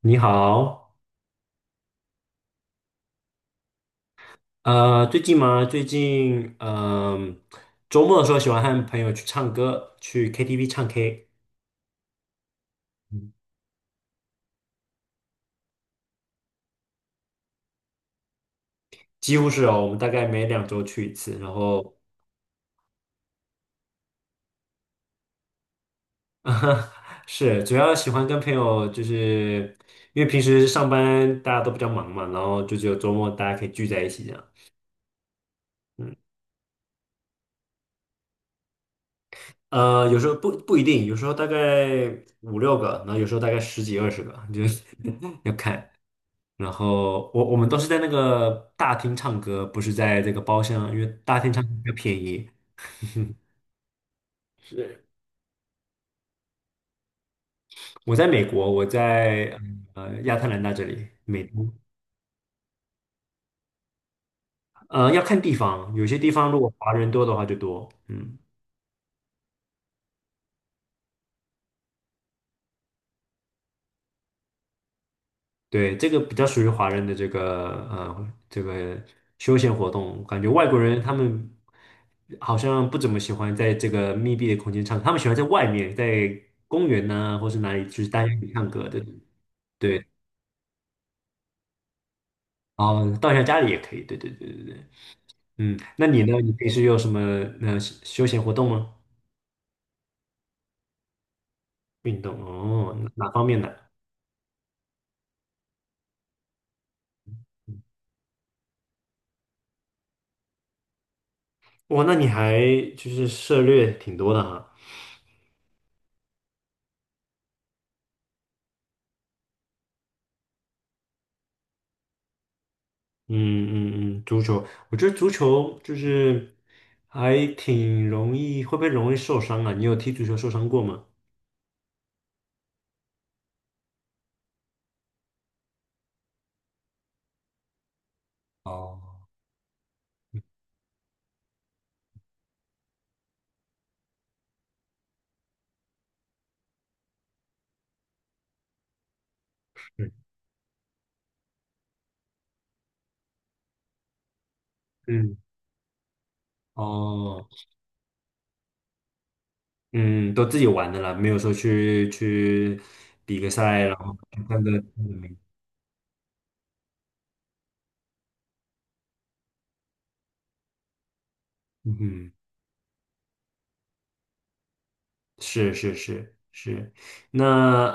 你好，最近吗？最近，周末的时候喜欢和朋友去唱歌，去 KTV 唱 K。嗯几乎是哦，我们大概每2周去一次，然后，是主要喜欢跟朋友，就是因为平时上班大家都比较忙嘛，然后就只有周末大家可以聚在一起这样。嗯，有时候不一定，有时候大概五六个，然后有时候大概十几二十个，就是 要看。然后我们都是在那个大厅唱歌，不是在这个包厢，因为大厅唱歌比较便宜。是。我在美国，我在亚特兰大这里，美东。要看地方，有些地方如果华人多的话就多。嗯，对，这个比较属于华人的这个休闲活动，感觉外国人他们好像不怎么喜欢在这个密闭的空间唱，他们喜欢在外面，在公园呐、或是哪里，就是大家一起唱歌的。对哦，到一下家里也可以，对对对对对。那你呢？你平时有什么休闲活动吗？运动哦，哪方面的？哇，那你还就是涉猎挺多的哈。嗯嗯嗯，足球，我觉得足球就是还挺容易，会不会容易受伤啊？你有踢足球受伤过吗？哦，嗯，哦，嗯，都自己玩的啦，没有说去比个赛，然后看的，嗯嗯哼。是是是是，那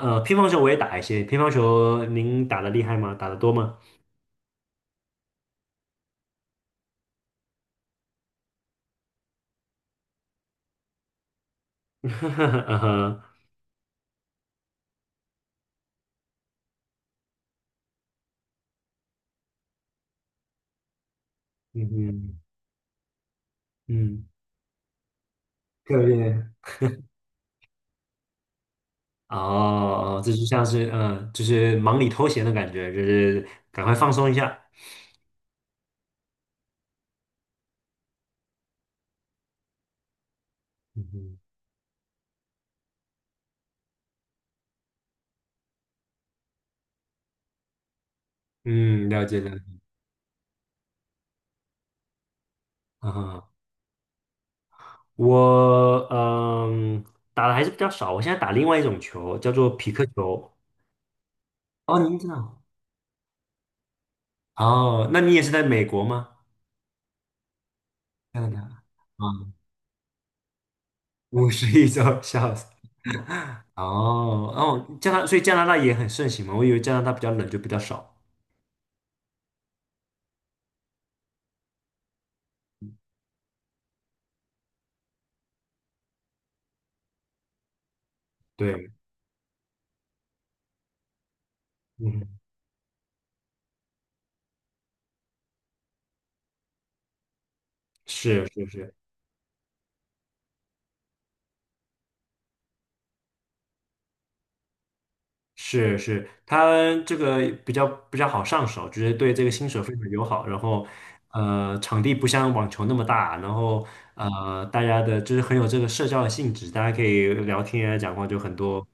乒乓球我也打一些，乒乓球您打的厉害吗？打的多吗？嗯哼，嗯嗯嗯，特别哦，这就像是就是忙里偷闲的感觉，就是赶快放松一下。嗯哼嗯，了解了解。啊，我打的还是比较少，我现在打另外一种球，叫做匹克球。哦，您知道？哦，那你也是在美国吗？加拿大。啊，51周，笑死。哦哦，所以加拿大也很盛行嘛。我以为加拿大比较冷，就比较少。对，嗯，是是是是是，它这个比较好上手，就是对这个新手非常友好。然后，场地不像网球那么大，然后大家的就是很有这个社交的性质，大家可以聊天啊，讲话就很多。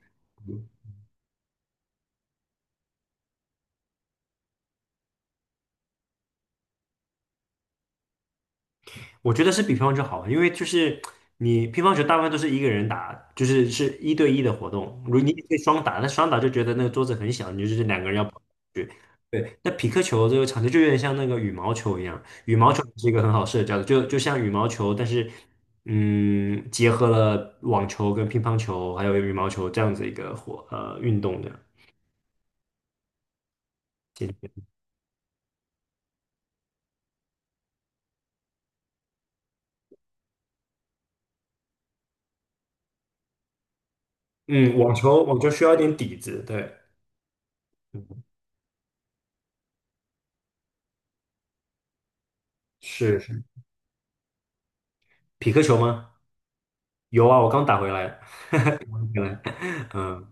我觉得是比乒乓球好，因为就是你乒乓球大部分都是一个人打，就是是一对一的活动。如你也可以双打，但双打就觉得那个桌子很小，你就是两个人要跑去。对，那匹克球这个场地就有点像那个羽毛球一样，羽毛球是一个很好社交的，就像羽毛球，但是结合了网球跟乒乓球还有羽毛球这样子一个运动的。嗯，网球需要一点底子，对，嗯是是。匹克球吗？有啊，我刚打回来。对，嗯，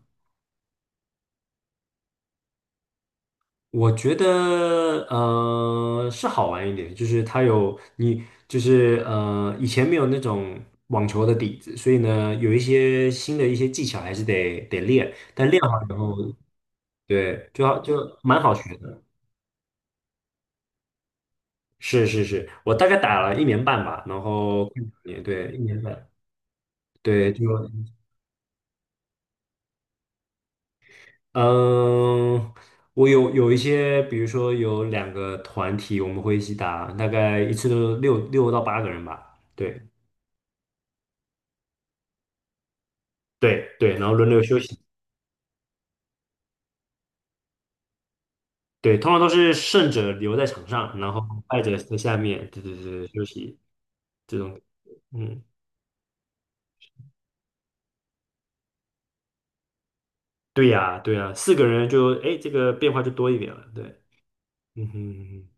我觉得是好玩一点，就是它有你就是以前没有那种网球的底子，所以呢有一些新的一些技巧还是得练，但练好以后，对，就蛮好学的。是是是，我大概打了一年半吧，然后快两年，对，一年半，对，就嗯，我有一些，比如说有两个团体，我们会一起打，大概一次都六到八个人吧。对对对，然后轮流休息。对，通常都是胜者留在场上，然后败者在下面，对对对，休息这种。嗯，对呀对呀，四个人就哎，诶这个变化就多一点了。对，嗯哼。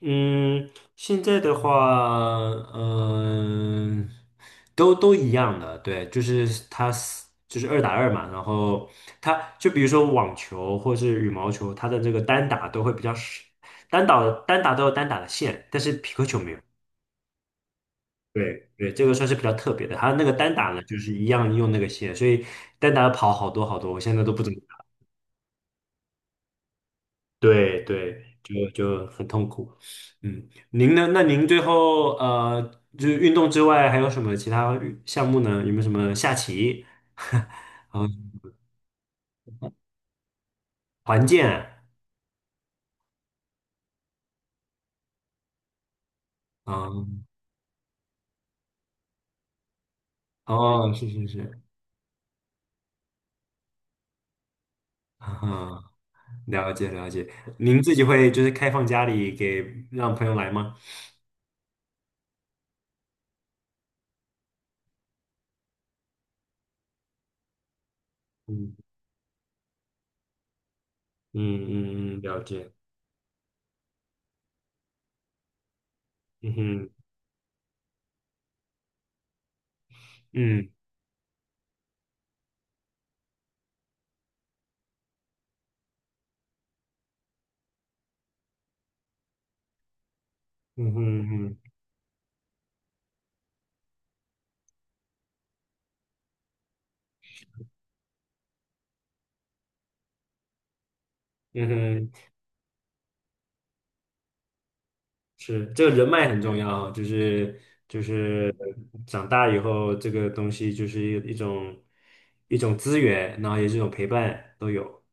嗯，现在的话，嗯、都一样的，对，就是它是就是二打二嘛，然后它就比如说网球或是羽毛球，它的这个单打都会比较少，单打的单打都有单打的线，但是匹克球没有。对对，这个算是比较特别的，它那个单打呢，就是一样用那个线，所以单打跑好多好多，我现在都不怎么。对对，就很痛苦。嗯，您呢？那您最后就是运动之外还有什么其他运项目呢？有没有什么下棋？嗯，团建？嗯，哦，是是是，嗯，了解了解。您自己会就是开放家里给让朋友来吗？嗯嗯嗯嗯，了解。嗯哼，嗯嗯哼嗯哼嗯哼。是，这个人脉很重要啊就是长大以后，这个东西就是一一种一种资源，然后也是一种陪伴都有。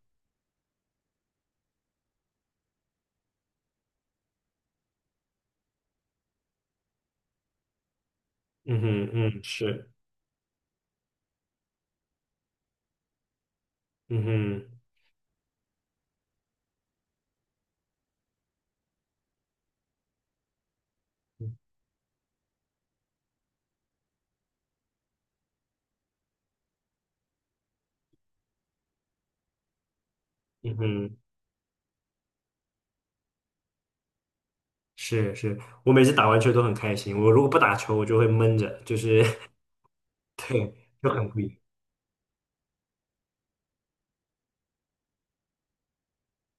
嗯哼，嗯，是，嗯哼，嗯哼，是是，我每次打完球都很开心，我如果不打球，我就会闷着，就是 对，就很不一样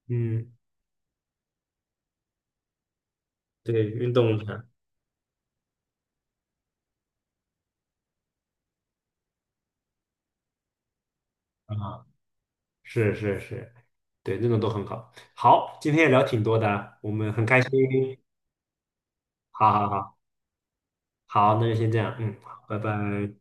嗯，对，运动一下啊，是是是，对，那种都很好。好，今天也聊挺多的啊，我们很开心。好好好。好，那就先这样，好拜拜。